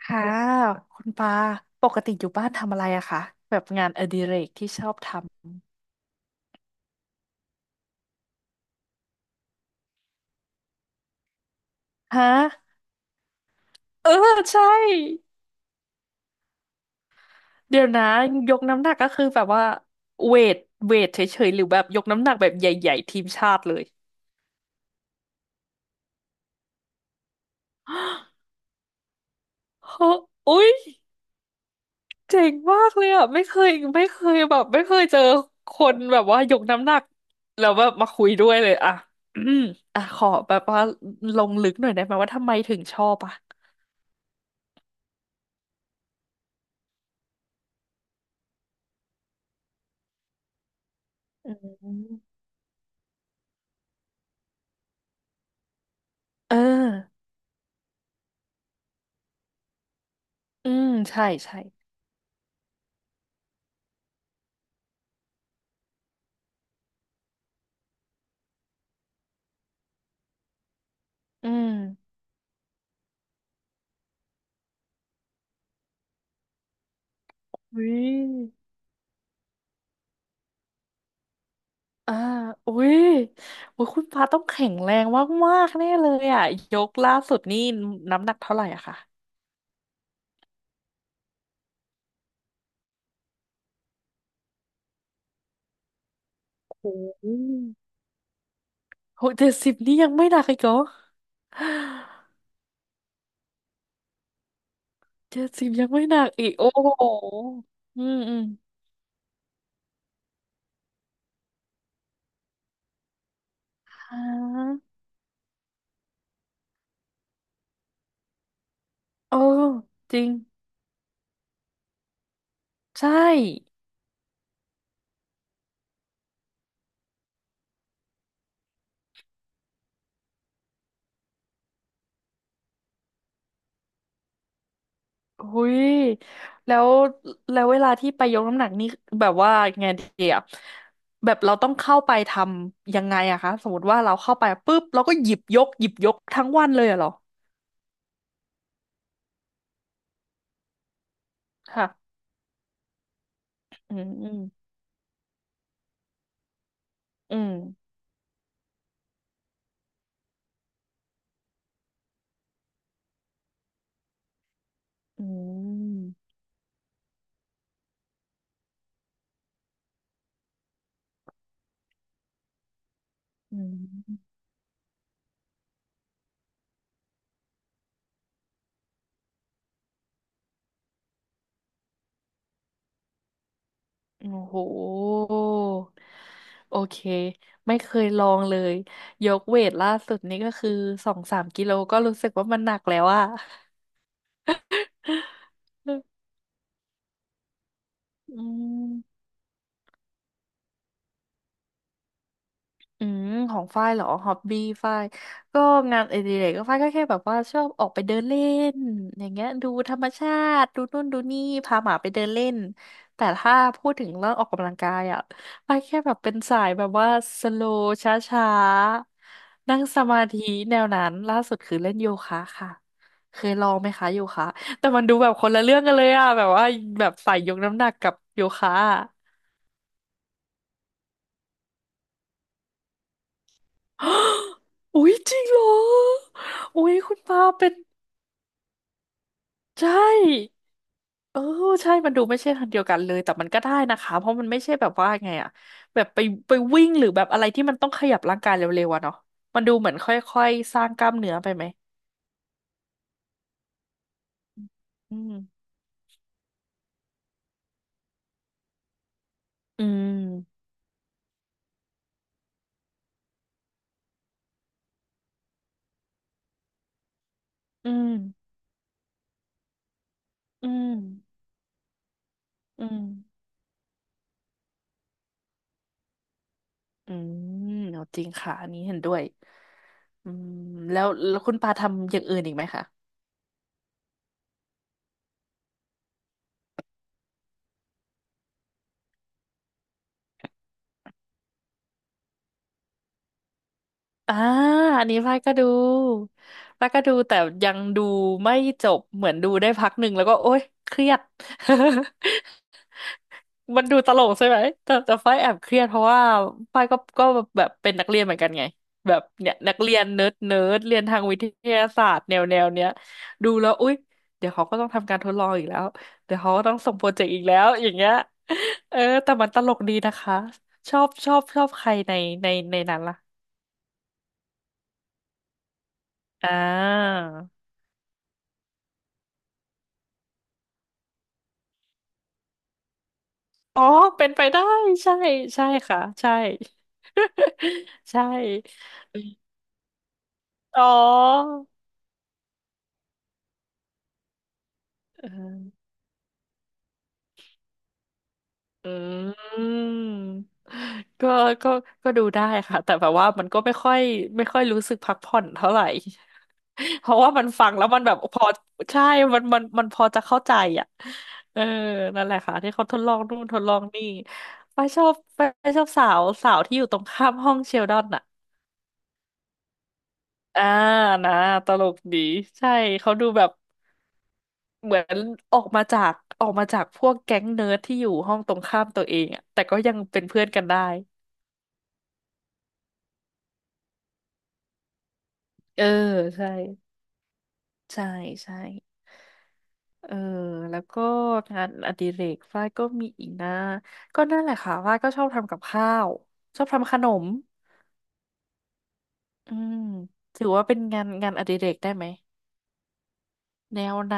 ค่ะคุณปาปกติอยู่บ้านทำอะไรอะคะแบบงานอดิเรกที่ชอบทำฮะเออใช่เดี๋ยวนะยกน้ำหนักก็คือแบบว่าเวทเวทเฉยๆหรือแบบยกน้ำหนักแบบใหญ่ๆทีมชาติเลย เฮ้ออุ๊ยเจ๋งมากเลยอะไม่เคยไม่เคยแบบไม่เคยเจอคนแบบว่ายกน้ำหนักแล้วแบบมาคุยด้วยเลยอะอืมอะขอแบบว่าลงลึกหน่อยได้ไหมว่าทำไมถึงชอบอะอืมเออ อืมใช่ใช่ อืม อุ้ยอ่าอุ้ยอุ้ยคุณปาต้องแข็งแรงมากๆแน่เลยอ่ะยกล่าสุดนี่น้ำหนักเท่าไหร่อะคะโอ้โหโหเจ็ดสิบนี่ยังไม่หนักอีกเหรอเจ็ดสิบยังไม่หนักอีกโอ้โหอืมอืมอ่าเออจริงใช่ หุยแล้วแล้วเวลาที่ไปยกน้ำหนักนี่แบบว่าไงดีอะแบบเราต้องเข้าไปทำยังไงอะคะสมมติว่าเราเข้าไปปุ๊บเราก็หยิบยกหยิบยกทั้งวันเลยอะเหรอค่ะอืมอืมอืมอืมอืมโอ้โหโอเคไม่เคยลองเลยยกเวทล่าสุดนี่ก็คือสองสามกิโลก็รู้สึกว่ามันหนักแล้วอะ อืม อืมของฝ้ายเหรอฮอบบี้ฝ้ายก็งานอดิเรกก็ฝ้ายก็แค่แบบว่าชอบออกไปเดินเล่นอย่างเงี้ยดูธรรมชาติดูนู่นดูนี่พาหมาไปเดินเล่นแต่ถ้าพูดถึงเรื่องออกกำลังกายอ่ะฝ้ายแค่แบบเป็นสายแบบว่าสโลช้าๆนั่งสมาธิแนวนั้นล่าสุดคือเล่นโยคะค่ะเคยลองไหมคะโยคะแต่มันดูแบบคนละเรื่องกันเลยอ่ะแบบว่าแบบสายยกน้ำหนักกับโยคะ อุ๊ยจริงเหรออุ๊ยคุณปาเป็นใช่เออใช่มันดูไม่ใช่ทางเดียวกันเลยแต่มันก็ได้นะคะเพราะมันไม่ใช่แบบว่าไงอะแบบไปไปวิ่งหรือแบบอะไรที่มันต้องขยับร่างกายเร็วๆอะเนาะมันดูเหมือนค่อยๆสร้างกล้ามเนื้อไปไหมอืมอืมอืมอืมอืมอืมเอาจริงค่ะอันนี้เห็นด้วยอืมแล้วแล้วคุณปาทำอย่างอื่นอีกไหมคะ อ่าอันนี้ป้ายก็ดูป้ายก็ดูแต่ยังดูไม่จบเหมือนดูได้พักหนึ่งแล้วก็โอ๊ยเครียด มันดูตลกใช่ไหมแต่แต่ฝ้ายแอบเครียดเพราะว่าฝ้ายก็ก็แบบเป็นนักเรียนเหมือนกันไงแบบเนี่ยนักเรียนเนิร์ดเนิร์ดเรียนทางวิทยาศาสตร์แนวแนวเนี้ยดูแล้วอุ๊ยเดี๋ยวเขาก็ต้องทำการทดลองอีกแล้วเดี๋ยวเขาก็ต้องส่งโปรเจกต์อีกแล้วอย่างเงี้ยเออแต่มันตลกดีนะคะชอบชอบชอบใครในในในนั้นล่ะ อ่าอ๋อเป็นไปได้ใช่ใช่ค่ะใช่ ใช่ อ๋อเอออืมก็ก็ ก็ดูได้ค่ะแต่แบบว่ามันก็ไม่ค่อยไม่ค่อยรู้สึกพักผ่อนเท่าไหร่ เพราะว่ามันฟังแล้วมันแบบพอใช่มันมันมันพอจะเข้าใจอ่ะเออนั่นแหละค่ะที่เขาทดลองนู่นทดลองนี่ไปชอบไปชอบสาวสาวที่อยู่ตรงข้ามห้องเชลดอนอ่ะ อ่านะตลกดีใช่เขาดูแบบเหมือนออกมาจากออกมาจากพวกแก๊งเนิร์ดที่อยู่ห้องตรงข้ามตัวเองอะแต่ก็ยังเป็นเพื่อนกันได้เออใช่ใช่ใช่เออแล้วก็งานอดิเรกฝ้ายก็มีอีกนะก็นั่นแหละค่ะฝ้ายก็ชอบทำกับข้าวชอบทำขนมอืมถือว่าเป็นงานงานอดิเรกได้ไหมแนวไหน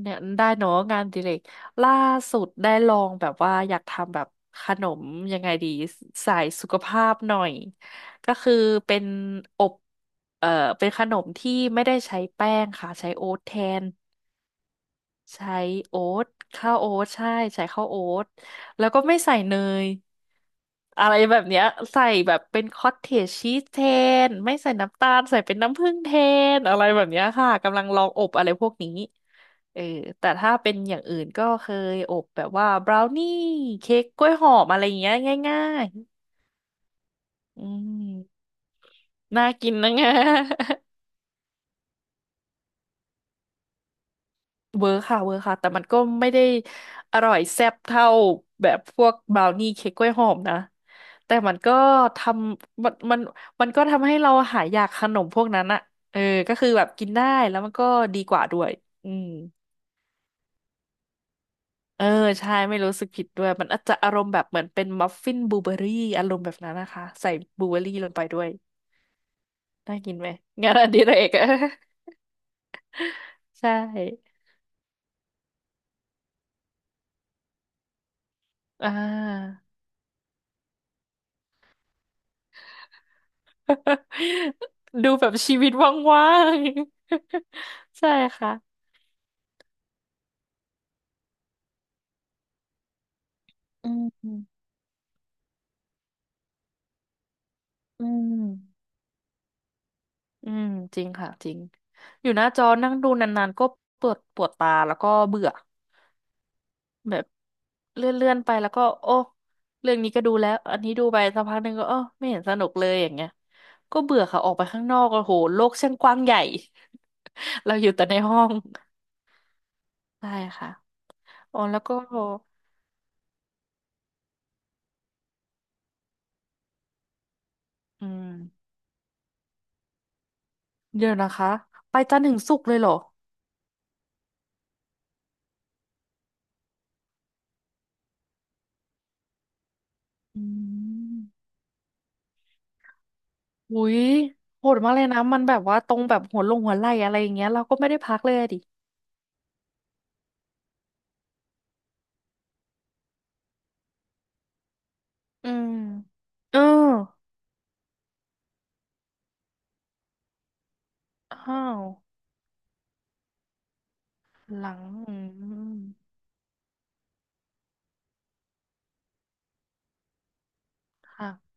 เนี่ยได้เนาะงานอดิเรกล่าสุดได้ลองแบบว่าอยากทำแบบขนมยังไงดีสายสุขภาพหน่อยก็คือเป็นอบเอ่อเป็นขนมที่ไม่ได้ใช้แป้งค่ะใช้โอ๊ตแทนใช้โอ๊ตข้าวโอ๊ตใช่ใช้ข้าวโอ๊ตแล้วก็ไม่ใส่เนย อะไรแบบเนี้ยใส่แบบเป็นคอตเทจชีสแทนไม่ใส่น้ำตาลใส่เป็นน้ำผึ้งแทนอะไรแบบเนี้ยค่ะกำลังลองอบอะไรพวกนี้เออแต่ถ้าเป็นอย่างอื่นก็เคยอบแบบว่าบราวนี่เค้กกล้วยหอมอะไรอย่างเงี้ยง่ายๆอืมน่ากินนะ งะ เวอร์ค่ะเวอร์ค่ะแต่มันก็ไม่ได้อร่อยแซ่บเท่าแบบพวกบราวนี่เค้กกล้วยหอมนะแต่มันก็ทำมันมันมันก็ทำให้เราหายอยากขนมพวกนั้นอะเออก็คือแบบกินได้แล้วมันก็ดีกว่าด้วยอืมเออใช่ไม่รู้สึกผิดด้วยมันอาจจะอารมณ์แบบเหมือนเป็นมัฟฟินบลูเบอร์รี่อารมณ์แบบนั้นนะคะใส่บลูเบอร์รี่ลงไปด้วยได้กินไหม งานอดิเรกอะ ใช่อ่า ดูแบบชีวิตว่างๆ ใช่ค่ะอืมอืมอืมจริงค่ะจริงอยู่หน้าจอนั่งดูนานๆก็ปวดปวดตาแล้วก็เบื่อแบบเลื่อนๆไปแล้วก็โอ้เรื่องนี้ก็ดูแล้วอันนี้ดูไปสักพักหนึ่งก็เออไม่เห็นสนุกเลยอย่างเงี้ยก็เบื่อค่ะออกไปข้างนอกโอ้โหโลกช่างกว้างใหญ่ เราอยู่แต่ในห้อง ใช่ค่ะอ๋อแล้วก็อืมเดี๋ยวนะคะไปจันทร์ถึงศุกร์เลยเหรอ อืมอุ้ยโหดมากเลยนะมันแบบว่าตรงแบบหัวลงหัวไหล่อะไรอย่างเงี้ยเราก็ไม่ได้พักเลยอะดิอืมเอออ้าวหลังอืมค่ะ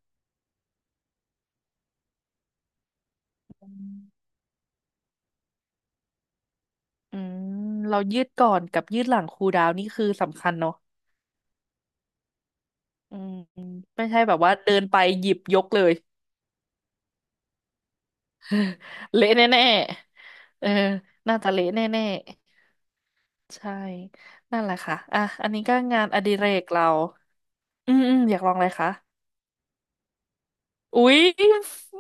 อืมเรายืดก่อนกับยืดหลังคูลดาวน์นี่คือสำคัญเนาะอืมไม่ใช่แบบว่าเดินไปหยิบยกเลย เละแน่ๆเออน่าจะเละแน่ๆใช่นั่นแหละค่ะอ่ะอันนี้ก็งานอดิเรกเราอืมอืมอยากลองอะไรคะ อุ๊ย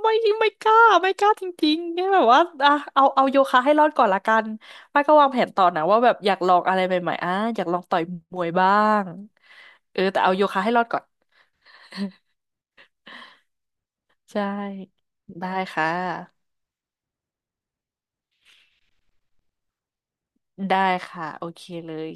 ไม่ไม่กล้าไม่กล้าจริงๆแค่แบบว่าอ่ะเอาเอาโยคะให้รอดก่อนละกันป้าก็วางแผนต่อนะว่าแบบอยากลองอะไรใหม่ๆอ่ะอยากลองต่อยมวยบ้างเออแต่เอาโยคะให้รอดก่อนใช่ได้ค่ะได้ค่ะโอเคเลย